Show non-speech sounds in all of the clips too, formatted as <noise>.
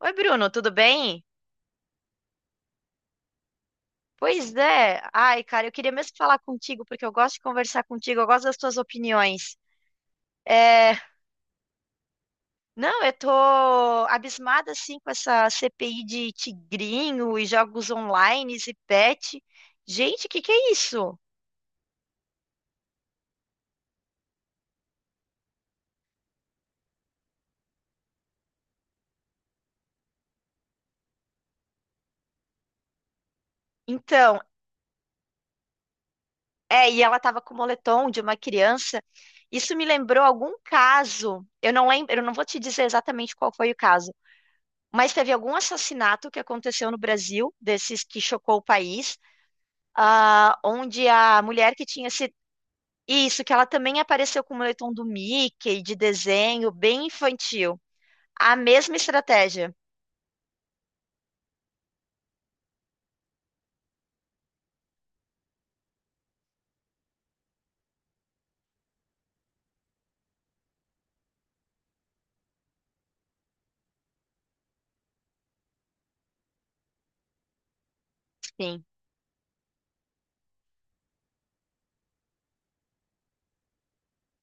Oi, Bruno, tudo bem? Pois é. Ai, cara, eu queria mesmo falar contigo, porque eu gosto de conversar contigo, eu gosto das tuas opiniões. É, não, eu tô abismada, assim, com essa CPI de tigrinho e jogos online e pet. Gente, o que que é isso? Então, é, e ela tava com o moletom de uma criança. Isso me lembrou algum caso. Eu não lembro, eu não vou te dizer exatamente qual foi o caso, mas teve algum assassinato que aconteceu no Brasil, desses que chocou o país, ah, onde a mulher que tinha se. Isso, que ela também apareceu com o moletom do Mickey, de desenho, bem infantil. A mesma estratégia. Sim,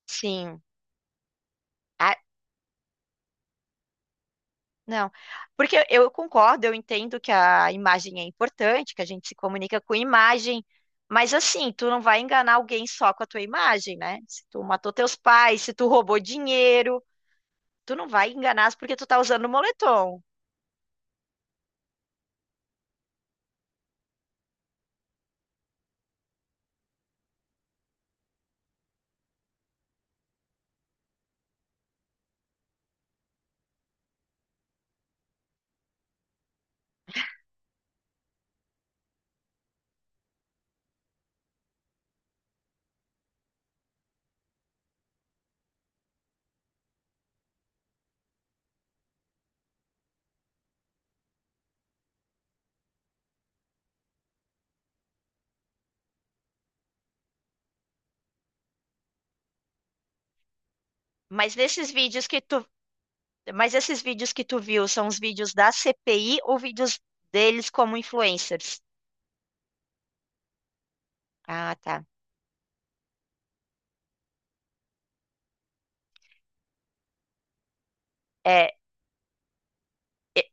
sim. Ah, não. Porque eu concordo, eu entendo que a imagem é importante, que a gente se comunica com imagem, mas assim, tu não vai enganar alguém só com a tua imagem, né? Se tu matou teus pais, se tu roubou dinheiro, tu não vai enganar porque tu tá usando moletom. Mas nesses vídeos que tu Mas esses vídeos que tu viu são os vídeos da CPI ou vídeos deles como influencers? Ah, tá. É, e-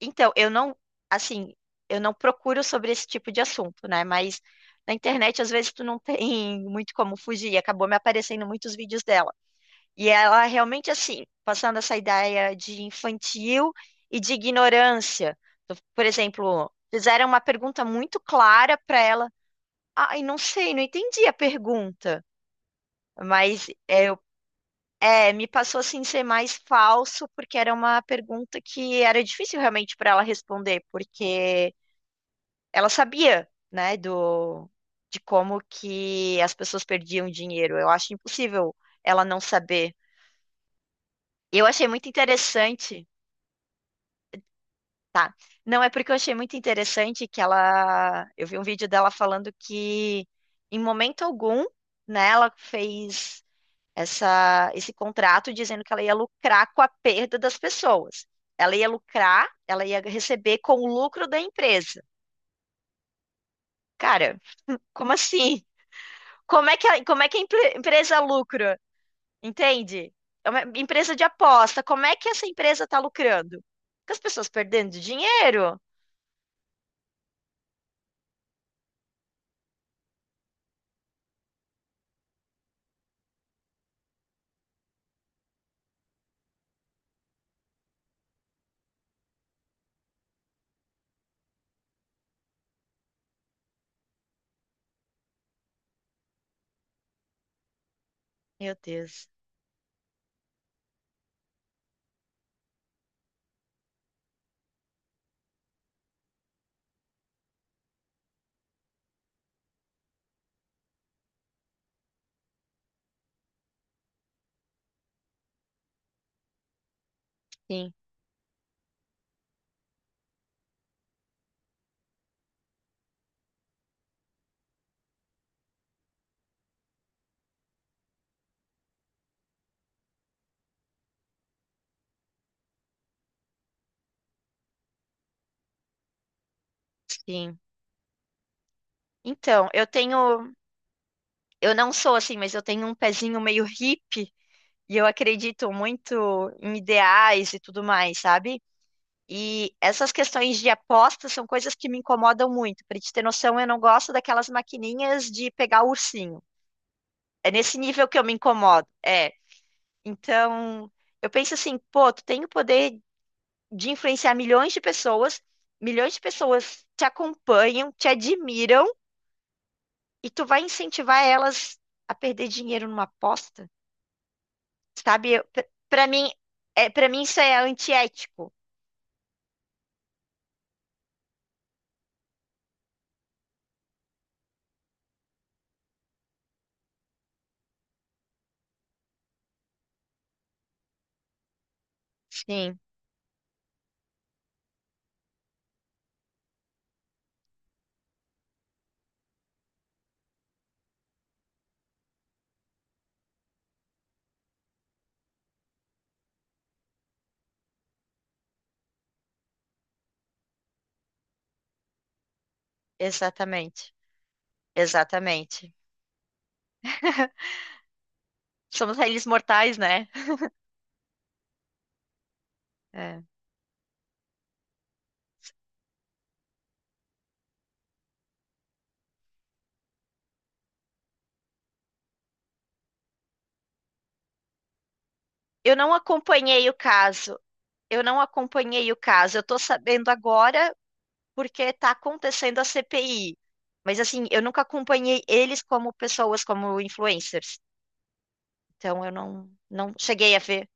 então, eu não, assim, eu não procuro sobre esse tipo de assunto, né? Mas na internet, às vezes, tu não tem <laughs> muito como fugir. Acabou me aparecendo muitos vídeos dela. E ela realmente, assim, passando essa ideia de infantil e de ignorância. Por exemplo, fizeram uma pergunta muito clara para ela. Ai, não sei, não entendi a pergunta. Mas é, eu É, me passou assim ser mais falso, porque era uma pergunta que era difícil realmente para ela responder, porque ela sabia, né, do de como que as pessoas perdiam dinheiro. Eu acho impossível ela não saber. Eu achei muito interessante, tá? Não é porque eu achei muito interessante que ela, eu vi um vídeo dela falando que em momento algum, né, ela fez essa, esse contrato dizendo que ela ia lucrar com a perda das pessoas. Ela ia lucrar, ela ia receber com o lucro da empresa. Cara, como assim? Como é que a, como é que a empresa lucra? Entende? É uma empresa de aposta. Como é que essa empresa está lucrando? Com as pessoas perdendo dinheiro? Meu Deus. Sim, sim. Então, eu tenho, eu não sou assim, mas eu tenho um pezinho meio hippie e eu acredito muito em ideais e tudo mais, sabe? E essas questões de apostas são coisas que me incomodam muito. Para te ter noção, eu não gosto daquelas maquininhas de pegar o ursinho. É nesse nível que eu me incomodo. É. Então, eu penso assim, pô, tu tem o poder de influenciar milhões de pessoas te acompanham, te admiram, e tu vai incentivar elas a perder dinheiro numa aposta, sabe? Para mim, é, para mim isso é antiético. Sim, exatamente. Exatamente. Somos réis mortais, né? É. Eu não acompanhei o caso. Eu não acompanhei o caso. Eu tô sabendo agora porque tá acontecendo a CPI. Mas assim, eu nunca acompanhei eles como pessoas, como influencers. Então eu não, não cheguei a ver.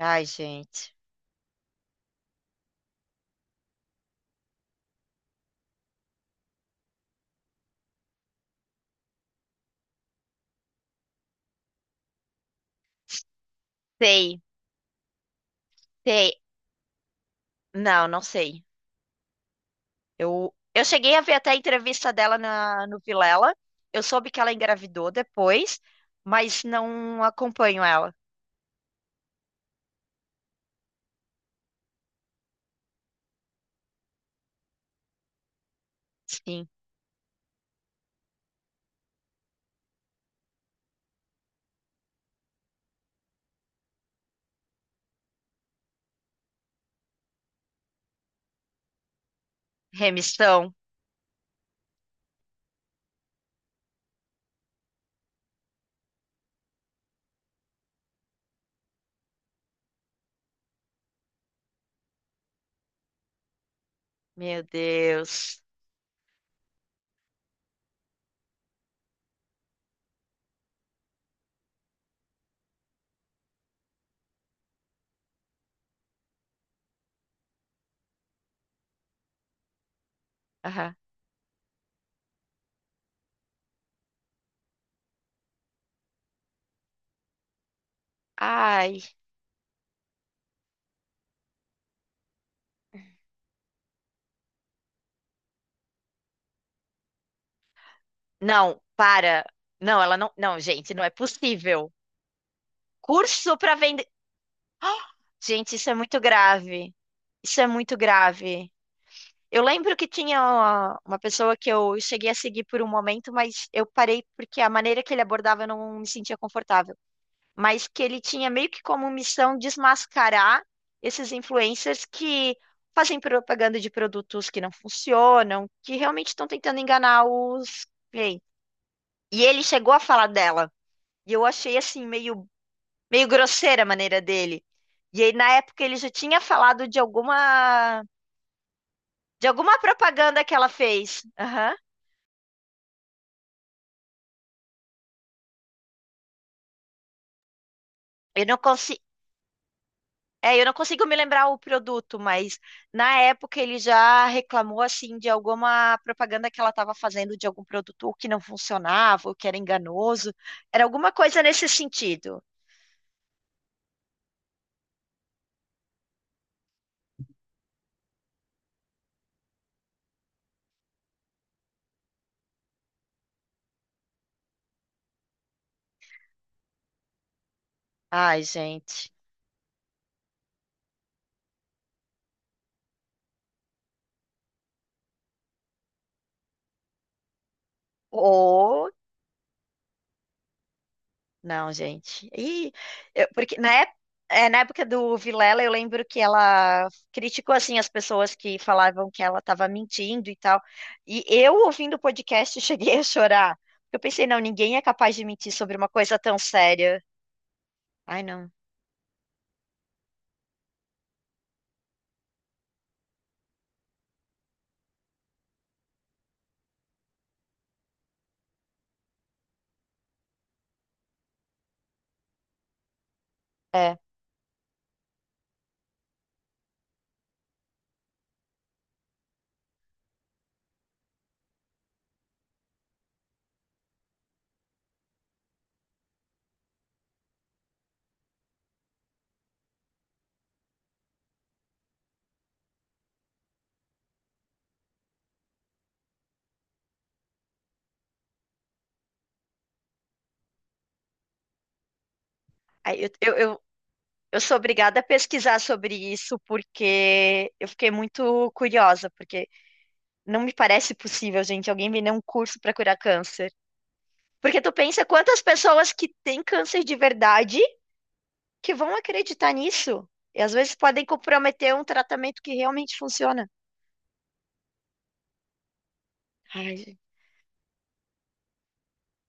Ai, gente. Sei, sei. Não, não sei. Eu cheguei a ver até a entrevista dela na, no Vilela. Eu soube que ela engravidou depois, mas não acompanho ela. Sim, remissão. Meu Deus. Aham. Ai. Não, para. Não, ela não. Não, gente, não é possível. Curso para vender. Gente, isso é muito grave. Isso é muito grave. Eu lembro que tinha uma pessoa que eu cheguei a seguir por um momento, mas eu parei porque a maneira que ele abordava eu não me sentia confortável, mas que ele tinha meio que como missão desmascarar esses influencers que fazem propaganda de produtos que não funcionam, que realmente estão tentando enganar os clientes. E ele chegou a falar dela, e eu achei assim meio grosseira a maneira dele. E aí na época ele já tinha falado de alguma propaganda que ela fez. Aham. Eu não consi É, eu não consigo me lembrar o produto, mas na época ele já reclamou assim de alguma propaganda que ela estava fazendo de algum produto que não funcionava, ou que era enganoso. Era alguma coisa nesse sentido. Ai, gente. Não, gente. E porque na época do Vilela, eu lembro que ela criticou assim as pessoas que falavam que ela estava mentindo e tal. E eu ouvindo o podcast <laughs> cheguei a chorar. Eu pensei, não, ninguém é capaz de mentir sobre uma coisa tão séria. Ai, não. É. Aí eu sou obrigada a pesquisar sobre isso porque eu fiquei muito curiosa, porque não me parece possível, gente, alguém vender um curso para curar câncer. Porque tu pensa quantas pessoas que têm câncer de verdade que vão acreditar nisso. E às vezes podem comprometer um tratamento que realmente funciona. Ai, gente,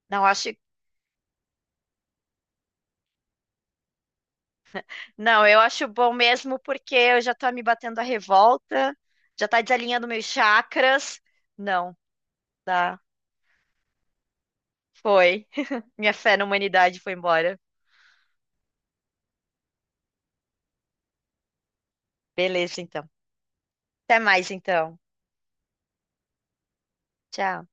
não acho, não, eu acho bom mesmo porque eu já tá me batendo a revolta, já tá desalinhando meus chakras. Não, tá. Foi. <laughs> Minha fé na humanidade foi embora. Beleza, então. Até mais, então. Tchau.